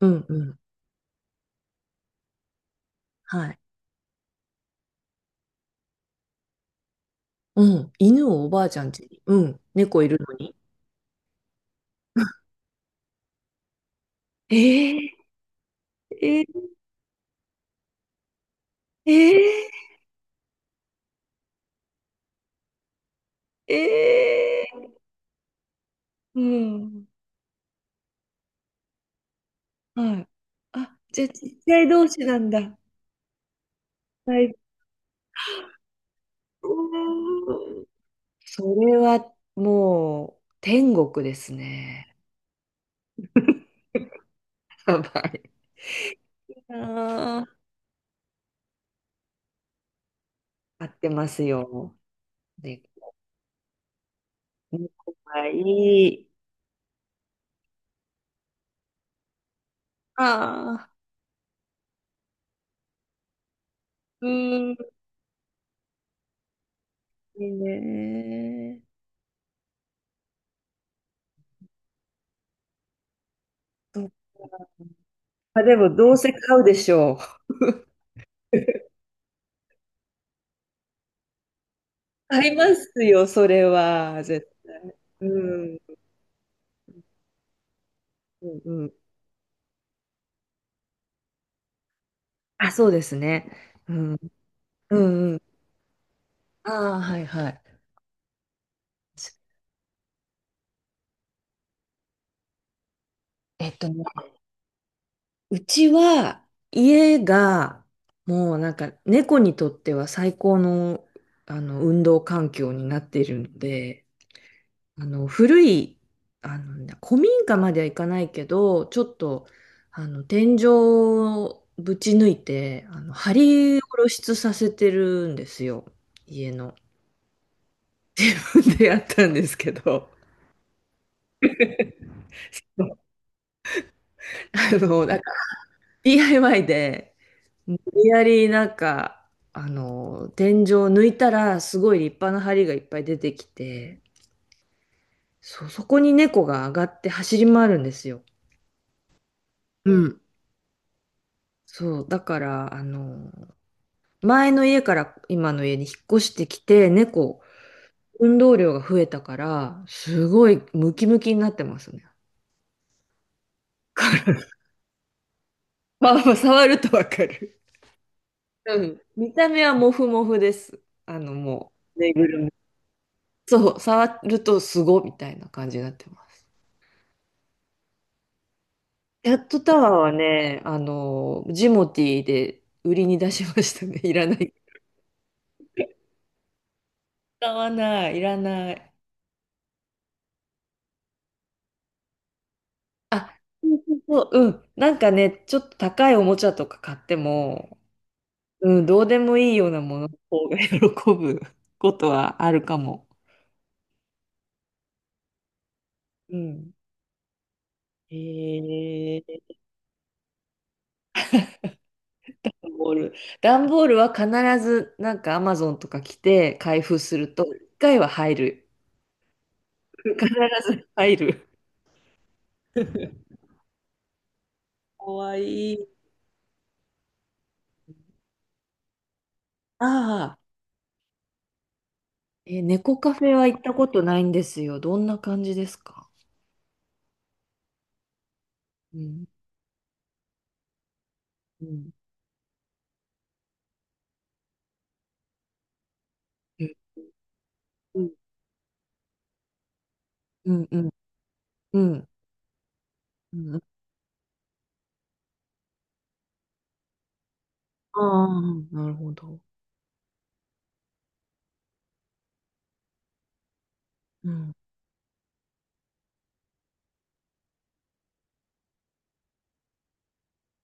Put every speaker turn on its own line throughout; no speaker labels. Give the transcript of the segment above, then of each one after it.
うんうん。はい。うん。犬をおばあちゃん家に。うん。猫いるのに。ええええええ、うん、はい。あ、じゃあちっちゃい同士なんだ。最高。それはもう天国ですね。やばい。あー、合ってますよ。で、猫がいい。ああ、うん、いいね。あ、でもどうせ買うでしょう。買いますよ、それは。うん、うんうん。あ、そうですね。うん、うんうん。ああ、はいはい。えっとね、うちは家はもうなんか猫にとっては最高の、あの、で、あの、いい、あの民家まではいかんと、手をぶち抜いてさせてるんですよ。家の。でやったんですけど、なんか DIY で、無理やりなんか、天井を抜いたらすごい立派な梁がいっぱい出てきて、そこに猫が上がって走り回るんですよ。うん。そう、だから、前の家から今の家に引っ越してきて、猫、運動量が増えたから、すごいムキムキになってますね。まあ、まあ触るとわかる。うん。見た目はモフモフです。あの、もぬいぐるみ。そう、触るとすごみたいな感じになってます。キャットタワーはね、ジモティーで売りに出しましたね。いらない。使わない、いらない。あ、そうそうそう、うん。なんかね、ちょっと高いおもちゃとか買っても、うん、どうでもいいようなものの方が喜ぶ ことはあるかも。うん。えー、段ボール。段ボールは必ず、なんかアマゾンとか来て開封すると、一回は入る。必ず入る。かわいい。ああ。え、猫カフェは行ったことないんですよ。どんな感じですか？うん、うん、え、うんうんうんうんうん、ああ、なるほど。うん。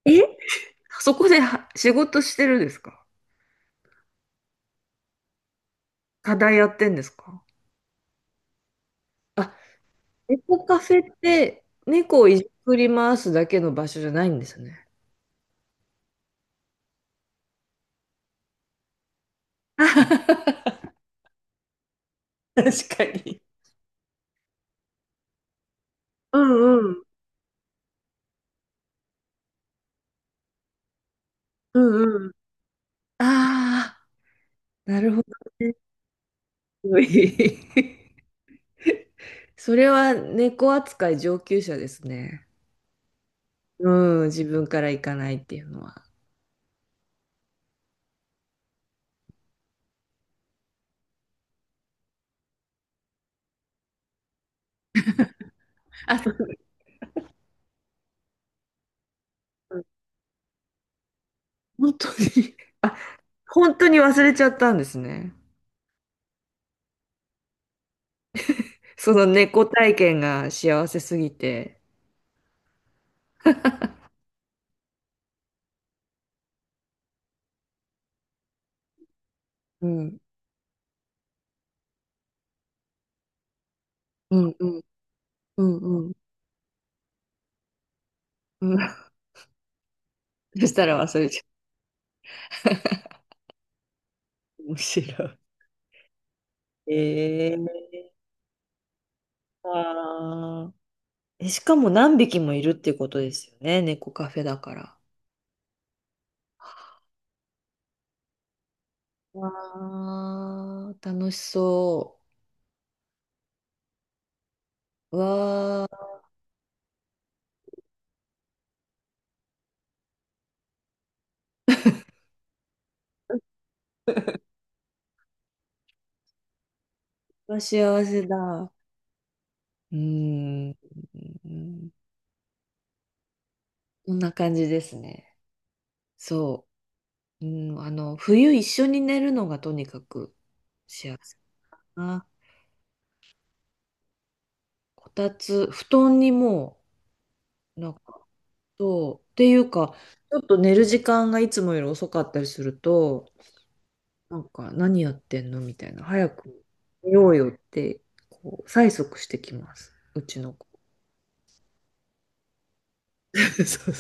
え、そこでは仕事してるんですか？課題やってんですか？あ、猫カフェって猫をいじくり回すだけの場所じゃないんですね。うんうんうんうん。ああ、なるほどね。すごい。 それは猫扱い上級者ですね。うん、自分から行かないっていうのは。本当に。 あ、本当に忘れちゃったんですね。その猫体験が幸せすぎて。うん、うん、うん、うん、うん。うん。 そしたら忘れちゃった。面白い。えー、あー、え、しかも何匹もいるっていうことですよね。猫カフェだから。わあ、楽しそう。わあ、幸せだ。うーん。こんな感じですね。そう。うん、冬一緒に寝るのがとにかく幸せな。こたつ、布団の、なんか、そう、っていうか、ちょっと寝る時間がいつもよ、なんか、何やってんのみたいな、早く寝ようよって、こう、催促してきます、うちの子。そうそう。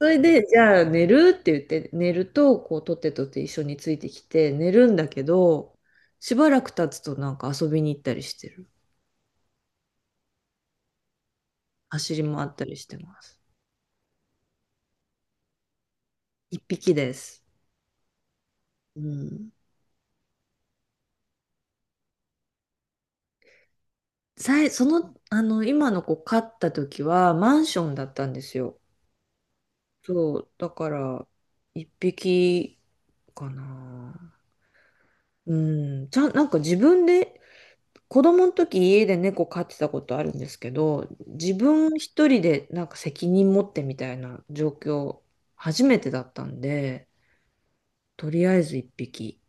それで、じゃあ寝るって言って、寝ると、こう、とってとって一緒についてきて、寝るんだけど、しばらく経つとなんか遊びに行ったりしてる。走り回ったりしてます。一匹です。うん。その、今の子飼った時はマンションだったんですよ。そう、だから、一匹かな。うん、ちゃん、なんか自分で、子供の時家で猫飼ってたことあるんですけど、自分一人でなんか責任持ってみたいな状況、初めてだったんで、とりあえず一匹、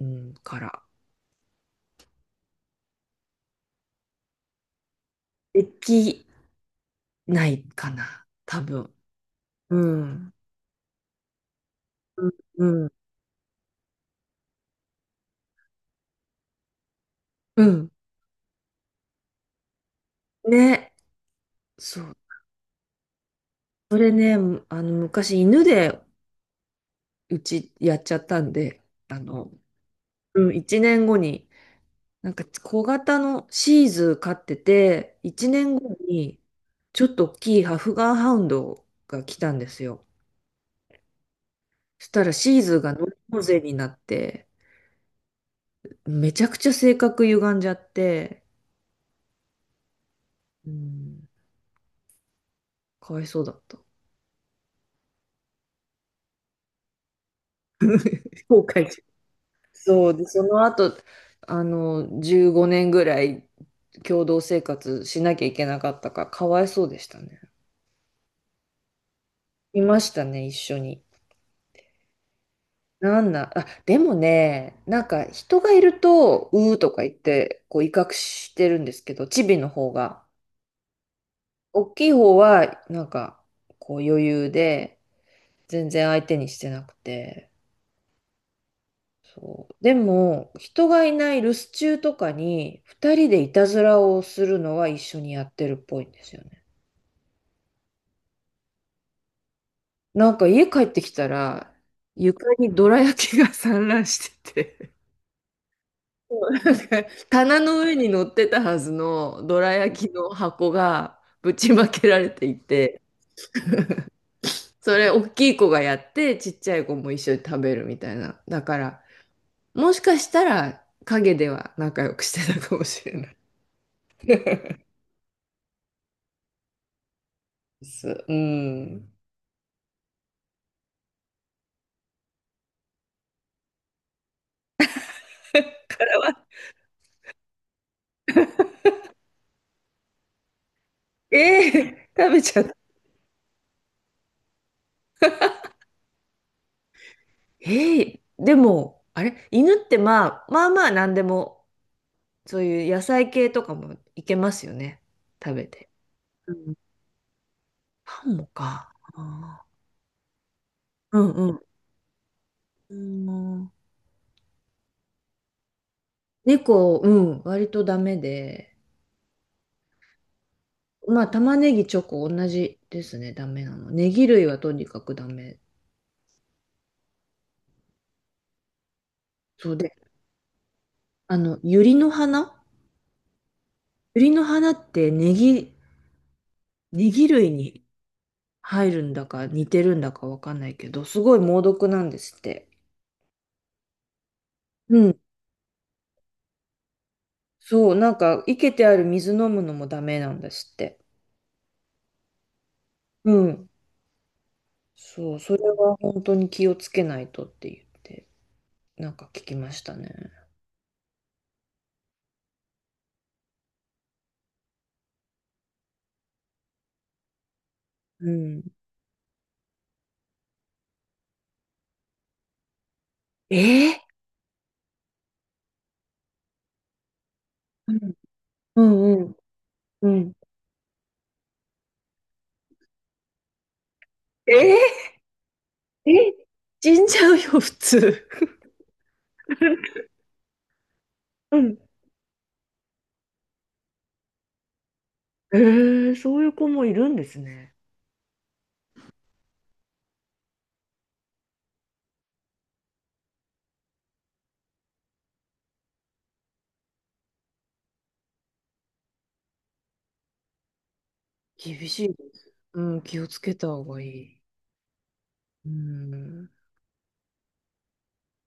うん、から。できないかな、多分。うん、うん、うん。ね、そう。それね、昔犬でうちやっちゃったんで、あの、うん、1年後に、なんか小型のシーズー飼ってて、1年後にちょっと大きいハフガンハウンドが来たんですよ。そしたらシーズーがノイローゼになって、めちゃくちゃ性格歪んじゃって、うん、かわいそうだった。後悔しそうで、その後、15年ぐらい共同生活しなきゃいけなかったから、かわいそうでしたね。いましたね、一緒に。なんな、あ、でもね、なんか人がいると、うーとか言って、こう威嚇してるんですけど、チビの方が。大きい方は、なんか、こう余裕で、全然相手にしてなくて。そう。でも、人がいない留守中とかに、二人でいたずらをするのは一緒にやってるっぽいんですよね。なんか家帰ってきたら、床にどら焼きが散乱してて、なんか棚の上に乗ってたはずのどら焼きの箱がぶちまけられていて、それ大きい子がやってちっちゃい子も一緒に食べるみたいな。だから、もしかしたら陰では仲良くしてたかもしれないです。うん。ええ、食べちゃった。ええ、でも、あれ、犬ってまあ、まあまあ何でも、そういう野菜系とかもいけますよね。食べて。パンもか。うんうん。猫、うん、割とダメで、まあ、玉ねぎ、チョコ、同じですね、ダメなの。ネギ類はとにかくダメ。そうで、あの、ユリの花ユリの花ってネギ類に入るんだか似てるんだかわかんないけど、すごい猛毒なんですって。うん。そう、なんか、生けてある水飲むのもダメなんですって。うん。そう、それは本当に気をつけないとって言って、なんか聞きましたね。うん。えー、うんうん。うん。えー、え、死んじゃうよ、普通。うん。えー、そういう子もいるんですね。厳しいです。うん、気をつけた方がいい。うん。